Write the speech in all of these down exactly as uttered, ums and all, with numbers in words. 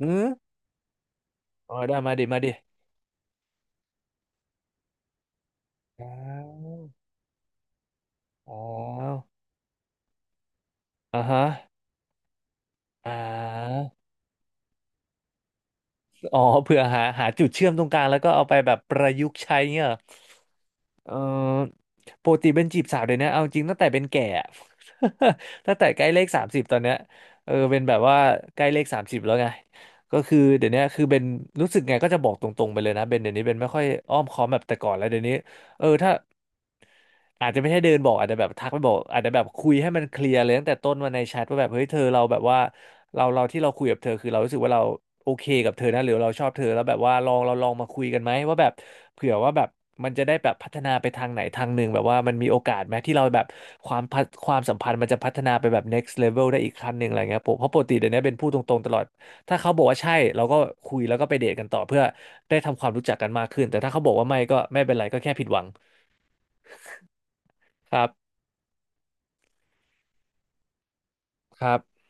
อืมอ๋อได้มาดิมาดิอ้าวอ๋อเออ่าฮะอ่าอ๋อเผื่อหาหาจุดเชื่อมตรงกลางแล้วก็เอาไปแบบประยุกต์ใช้เงี้ยเหรอเออปกติเป็นจีบสาวเดี๋ยวนี้เอาจริงตั้งแต่เป็นแก่อะ ตั้งแต่ใกล้เลขสามสิบตอนเนี้ยเออเป็นแบบว่าใกล้เลขสามสิบแล้วไงก็คือเดี๋ยวนี้คือเป็นรู้สึกไงก็จะบอกตรงๆไปเลยนะเบนเดี๋ยวนี้เบนไม่ค่อยอ้อมค้อมแบบแต่ก่อนแล้วเดี๋ยวนี้เออถ้า อาจจะไม่ใช่เดินบอกอาจจะแบบทักไปบอกอาจจะแบบคุยให้มันเคลียร์เลยตั้งแต่ต้นวันในแชทว่าแบบเฮ้ยเธอเราแบบว่าเราเราที่เราคุยกับเธอคือเรารู้สึกว่าเราโอเคกับเธอนะหรือเราชอบเธอแล้วแบบว่าลองเราลองมาคุยกันไหมว่าแบบเผื่อว่าแบบมันจะได้แบบพัฒนาไปทางไหนทางหนึ่งแบบว่ามันมีโอกาสไหมที่เราแบบความพัฒความสัมพันธ์มันจะพัฒนาไปแบบ next level ได้อีกขั้นหนึ่งอะไรเงี้ยผมเพราะปกติเดี๋ยวนี้เป็นพูดตรงๆตลอดถ้าเขาบอกว่าใช่เราก็คุยแล้วก็ไปเดทกันต่อเพื่อได้ทำความรู้จักกันมากขึ้นแต่ถ้าเขาบอกว่าไม่ก็ไม่เป็นไรก็แค่ผิดหวังครับครับ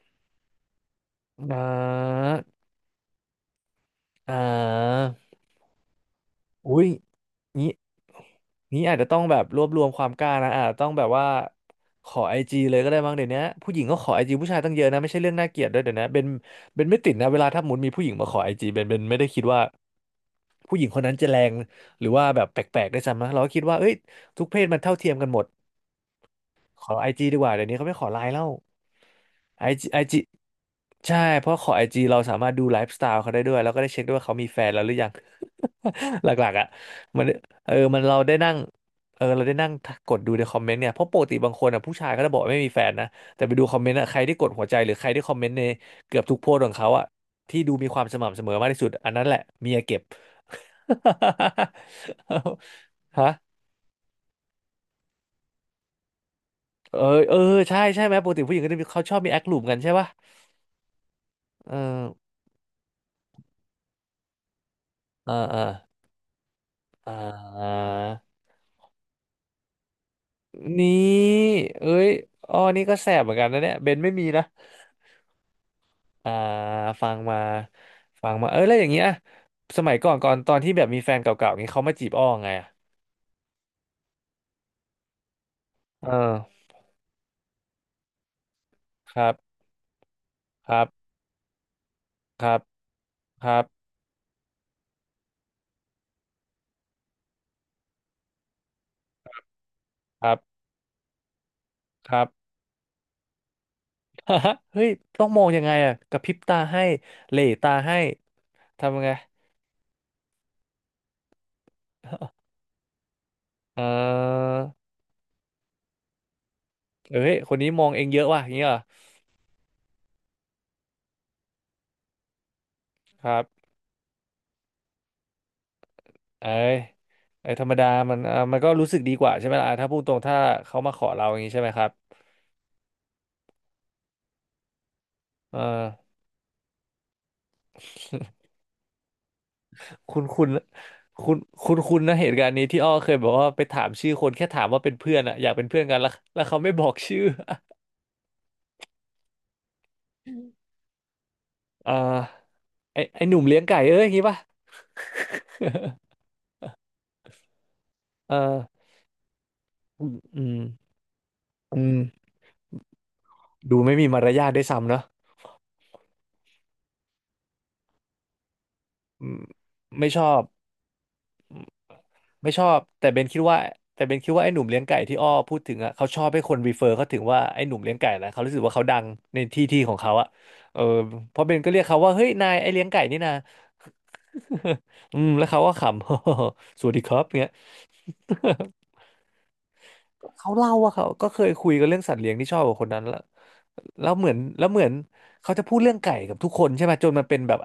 อ่าอ่าอุ้ย นี้นี้อาจจะต้องแบบรวบรวมความกล้านะอาจจะต้องแบบว่า ขอไอจีเลยก็ได้มั้งเดี๋ยวนี้ผู้หญิงก็ขอไอจีผู้ชายตั้งเยอะนะไม่ใช่เรื่องน่าเกลียดด้วยเดี๋ยวนี้เบนเบนไม่ติดนะเวลาถ้าสมมุนมีผู้หญิงมาขอไอจีเบนเบนไม่ได้คิดว่า ผู้หญิงคนนั้นจะแรงหรือว่าแบบแปลกๆได้วยซ้ำนะเราก็คิดว่าเอ้ย ทุกเพศมันเท่าเทียมกันหมด ขอไอจีดีกว่าเดี๋ยวนี้เขาไม่ขอไลน์แล้วไอจีไอจีใช่เพราะขอไอจีเราสามารถดูไลฟ์สไตล์เขาได้ด้วยแล้วก็ได้เช็คด้วยว่าเขามีแฟนแล้วหรือยัง หลักๆอ่ะมันเออมันเราได้นั่งเออเราได้นั่งกดดูในคอมเมนต์เนี่ยเพราะปกติบางคนอ่ะผู้ชายก็จะบอกว่าไม่มีแฟนนะแต่ไปดูคอมเมนต์อ่ะใครที่กดหัวใจหรือใครที่คอมเมนต์ในเกือบทุกโพสต์ของเขาอ่ะที่ดูมีความสม่ำเสมอมากที่สุดอันนั้นแหละเมียเก็บ ฮะเออเออใช่ใช่ไหมปกติผู้หญิงก็จะมีเขาชอบมีแอคหลุมกันใช่ปะ เออเออเอออ่านี่เอ้ยอ๋อนี่ก็แสบเหมือนกันนะเนี่ยเบนไม่มีนะอ่าฟังมาฟังมาเออแล้วอย่างเงี้ยสมัยก่อนก่อนตอนที่แบบมีแฟนเก่าๆนี้เขามาจีบอ้อไงอะเออครับครับครับครับ ครับ ครับ เฮ้ยต้องมองยังไงอะกระพริบตาให้เหล่ตาให้ ทำยังไงเออเอ้ยคนนี้มองเองเยอะว่ะอย่างเงี้ยเหรอครับ เอ้ยไอ้ยธรรมดามันอ่ามันก็รู้สึกดีกว่าใช่ไหมล่ะอ่ะถ้าพูดตรงถ้าเขามาขอเราอย่างนี้ใช่ไหมครับเออคุณคุณคุณคุณคุณนะเหตุการณ์นี้ที่อ้อเคยบอกว่าไปถามชื่อคนแค่ถามว่าเป็นเพื่อนอะอยากเป็นเพื่อนกันแล้วแล้วเขาไม่บอกชื่อ อ่าไอไอหนุ่มเลี้ยงไก่เอ้ยอย่างงี้ป่ะเอออืมอืมอืมดูไม่มีมารยาทด้วยซ้ำเนอะอืมไม่ชอบ ไม่ชอบแต่เบนคิดว่าแต่เบนคิดว่าไอ้หนุ่มเลี้ยงไก่ที่อ้อพูดถึงอ่ะเขาชอบให้คนรีเฟอร์เขาถึงว่าไอ้หนุ่มเลี้ยงไก่นะเขารู้สึกว่าเขาดังในที่ที่ของเขาอ่ะเออเพราะเบนก็เรียกเขาว่าเฮ้ยนายไอ้เลี้ยงไก่นี่นะ อืมแล้วเขาก็ขำ สวัสดีครับเงี้ย เขาเล่าว่าเขาก็เคยคุยกันเรื่องสัตว์เลี้ยงที่ชอบกับคนนั้นแล้วแล้วเหมือนแล้วเหมือนเขาจะพูดเรื่องไก่กับทุกคนใช่ไหมจนมันเป็นแบบ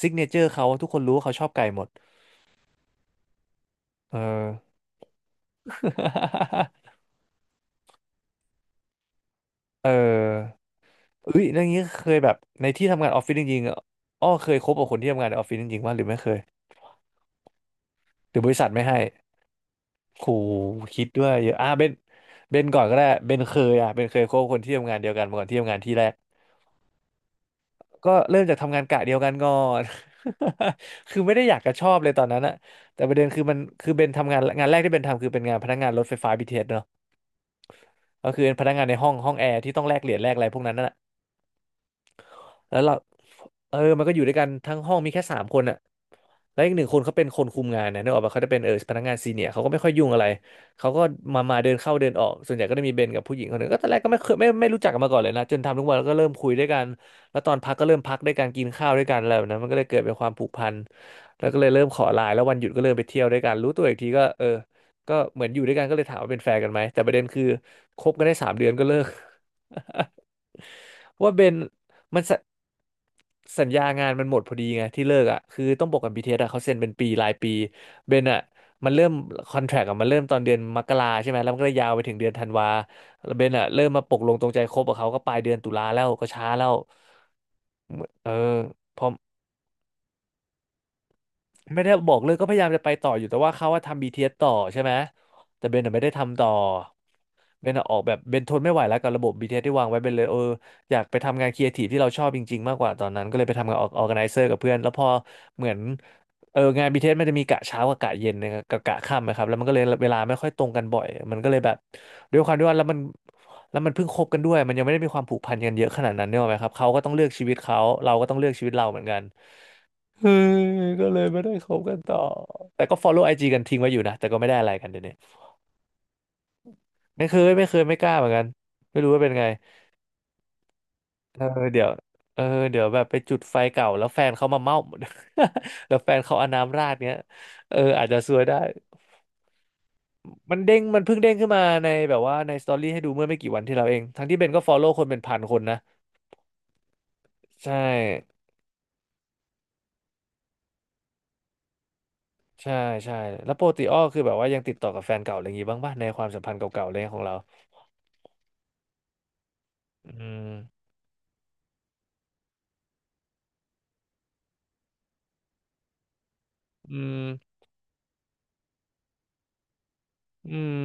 ซิกเนเจอร์เขาทุกคนรู้ว่าเขาชอบไก่หมดเออ เออ เอ้ยเรื่องนี้เคยแบบในที่ทำงานออฟฟิศจริงๆอะอ้อเคยคบกับคนที่ทำงานในออฟฟิศจริงๆว่าหรือไม่เคยหรือบริษัทไม่ให้โหคิดด้วยเยอะอ่ะเบนเบนก่อนก็ได้เบนเคยอ่ะเบนเคยคบกับคนที่ทำงานเดียวกันมาก่อนที่ทำงานที่แรกก็เริ่มจากทำงานกะเดียวกันก่อน คือไม่ได้อยากจะชอบเลยตอนนั้นอะแต่ประเด็นคือมันคือเบนทำงานงานแรกที่เบนทำคือเป็นงานพนักงานรถไฟฟ้า บี ที เอส เอสเนอะก็คือเป็นพนักงานในห้องห้องแอร์ที่ต้องแลกเหรียญแลกอะไรพวกนั้นน่ะ แล้วเราเออมันก็อยู่ด้วยกันทั้งห้องมีแค่สามคนอะแล้วอีกหนึ่งคนเขาเป็นคนคุมงานนะนึกออกปะเขาจะเป็นเออพนักงานซีเนียร์เขาก็ไม่ค่อยยุ่งอะไรเขาก็มามาเดินเข้าเดินออกส่วนใหญ่ก็จะมีเบนกับผู้หญิงคนหนึ่งก็ตอนแรกก็ไม่เคยไม่ไม่รู้จักกันมาก่อนเลยนะจนทำทุกวันแล้วก็เริ่มคุยด้วยกันแล้วตอนพักก็เริ่มพักด้วยกันกินข้าวด้วยกันอะไรแบบนั้นมันก็เลยเกิดเป็นความผูกพันแล้วก็เลยเริ่มขอไลน์แล้ววันหยุดก็เริ่มไปเที่ยวด้วยกันรู้ตัวอีกทีก็เออก็เหมือนอยู่ด้วยกันก็เลยถามว่าเป็นแฟนกันไหมแต่ประเด็นคือคบกันได้สามเดือนก็เลิก เพราะว่าเบน มันสสัญญางานมันหมดพอดีไงที่เลิกอ่ะคือต้องบอกกัน บี ที เอส อสอะเขาเซ็นเป็นปีรายปีเบนอ่ะมันเริ่มคอนแทรคอะมันเริ่มตอนเดือนมกราใช่ไหมแล้วมันก็ไดยยาวไปถึงเดือนธันวาแล้วเบนอ่ะเริ่มมาปกลงตรงใจคบกับเขาก็ปลายเดือนตุลาแล้วก็ช้าแล้วเออพอ ไม่ได้บอกเลยก็พยายามจะไปต่ออยู่แต่ว่าเขาว่าทำ บี ที เอส ต่อใช่ไหมแต่เบนน่ะไม่ได้ทำต่อเบนน่ะออกแบบเบนทนไม่ไหวแล้วกับระบบ บี ที เอส ทีเอสที่วางไว้เบนเลยเอออยากไปทำงานครีเอทีฟที่เราชอบจริงๆมากกว่าตอนนั้นก็เลยไปทำงานออร์แกไนเซอร์กับเพื่อนแล้วพอเหมือนเอองาน บี ที เอส มันจะมีกะเช้ากับกะเย็นนะครับกับกะค่ำนะครับแล้วมันก็เลยเวลาไม่ค่อยตรงกันบ่อยมันก็เลยแบบด้วยความที่ว่าแล้วมันแล้วมันเพิ่งคบกันด้วยมันยังไม่ได้มีความผูกพันกันเยอะขนาดนั้นเนี่ยหรอกไหมครับเขาก็ต้องเลือกชีวิตเขาเราก็ต้องเลือกชีวิตเราเหมือนกัน เออก็เลยไม่ได้คบกันต่อ แต่ก็ follow ไอจีกันทิ้งไว้อยู่นะแต่ก็ไม่ได้อะไรกันเดี๋ยวนี้ไม่เคยไม่เคยไม่กล้าเหมือนกันไม่รู้ว่าเป็นไงเออเดี๋ยวเออเดี๋ยวแบบไปจุดไฟเก่าแล้วแฟนเขามาเม่า แล้วแฟนเขาเอาน้ำราดเนี้ยเอออาจจะซวยได้ มันเด้งมันเพิ่งเด้งขึ้นมาในแบบว่าในสตอรี่ให้ดูเมื่อไม่กี่วันที่เราเองทั้งที่เบนก็ follow คนเป็นพันคนนะใช่ใช่ใช่แล้วปกติอ้อคือแบบว่ายังติดต่อกับแฟนเก่าอะไรอย่างงี้บ้างป่ะในความสัมพันธ์เก่าๆอะไรเงี้ยของเราอืมอืมอืม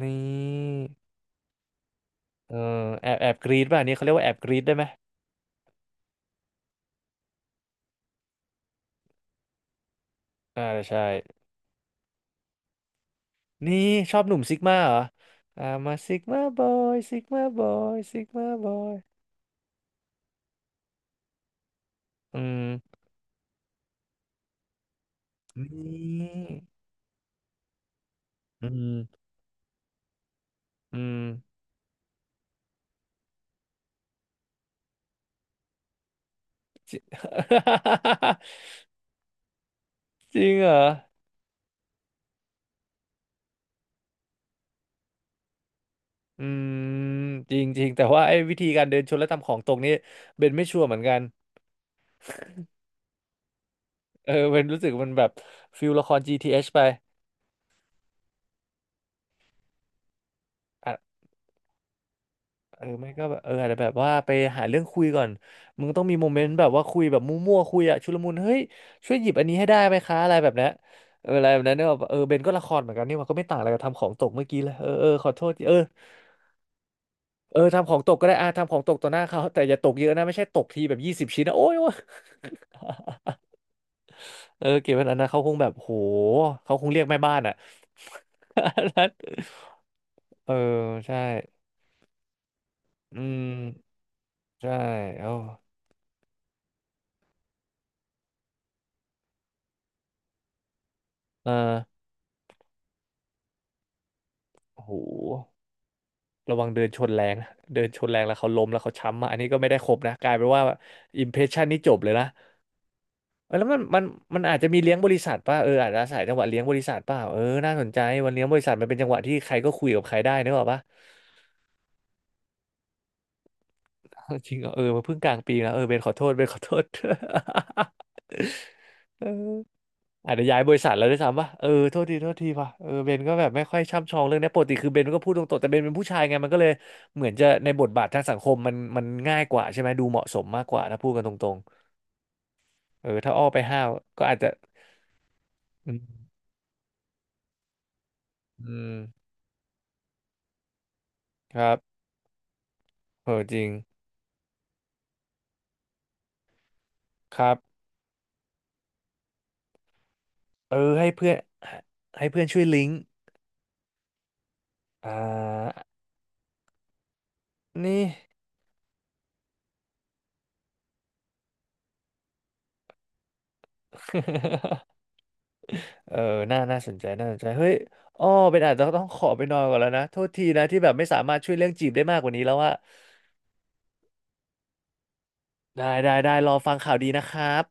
นี่เออแอบแอบกรีดป่ะอันนี้เขาเรียกว่าแอบกรีดได้ไหมอ่าใช่นี่ชอบหนุ่มซิกมาเหรออ่ามาซิกมาบอยซิกมาบอยซิกมาบอยอืมนี่อืมอืม จริงเหรออืมจริงจริงแต่ว่าไอ้วิธีการเดินชนและทำของตกนี่เบนไม่ชัวร์เหมือนกันเออเบนรู้สึกมันแบบฟิลละคร จี ที เอช ไป เออไม่ก็แบบเอออาจจะแบบว่าไปหาเรื่องคุยก่อนมึงต้องมีโมเมนต์แบบว่าคุยแบบมั่วๆคุยอะชุลมุนเฮ้ยช่วยหยิบอันนี้ให้ได้ไหมคะอะไรแบบเนี้ยเอออะไรแบบนั้นเนี่ยแบบเออเบนก็ละครเหมือนกันนี่มันก็ไม่ต่างอะไรกับทำของตกเมื่อกี้เลยเออเออขอโทษทีเออเออทำของตกก็ได้อ่ะทำของตกต่อหน้าเขาแต่อย่าตกเยอะนะไม่ใช่ตกทีแบบยี่สิบชิ้นนะโอ้ยโอ๊ยเออเก็บไว้อันนั้นเขาคงแบบโหเขาคงเรียกแม่บ้านอะ นั้นเออใช่อืมใช่เอ้าอ่าโห ระวังเดินชนแรงนะเดินชนแรงแล้วเขาล้มแล้วเขาช้ำมาอันนี้ก็ไม่ได้ครบนะกลายเป็นว่าอิมเพรสชันนี่จบเลยนะเออแล้วมันมันมันอาจจะมีเลี้ยงบริษัทป่ะเอออาจจะอาศัยจังหวะเลี้ยงบริษัทป่ะเออน่าสนใจวันเลี้ยงบริษัทมันเป็นจังหวะที่ใครก็คุยกับใครได้นึกออกป่ะ จริงเหรอ เออมาเพิ่งกลางปีนะเออเบนขอโทษเบน ขอโทษ เอออาจจะย้ายบริษัทแล้วด้วยซ้ำป่ะเออโทษทีโทษทีป่ะเออเบนก็แบบไม่ค่อยช่ำชองเรื่องเนี้ยปกติคือเบนก็พูดตรงๆแต่เบนเป็นผู้ชายไงมันก็เลยเหมือนจะในบทบาททางสังคมมันมันง่ายกว่าใช่ไหมดูเหมาะสมมากกว่าถ้าพูดกันตรง เออถ้าอ้อไปห้าวก็อาจจะอืมอืมครับเออจริงครับเออให้เพื่อนให้เพื่อนช่วยลิงก์อ่านี่ เออน่าน่าสนใจน่าสนใจเฮ้ยอ้อเป็นอาจจะต้องขอไปนอนก่อนแล้วนะโทษทีนะที่แบบไม่สามารถช่วยเรื่องจีบได้มากกว่านี้แล้วอะได้ได้ได้รอฟังข่าวดีนะครับ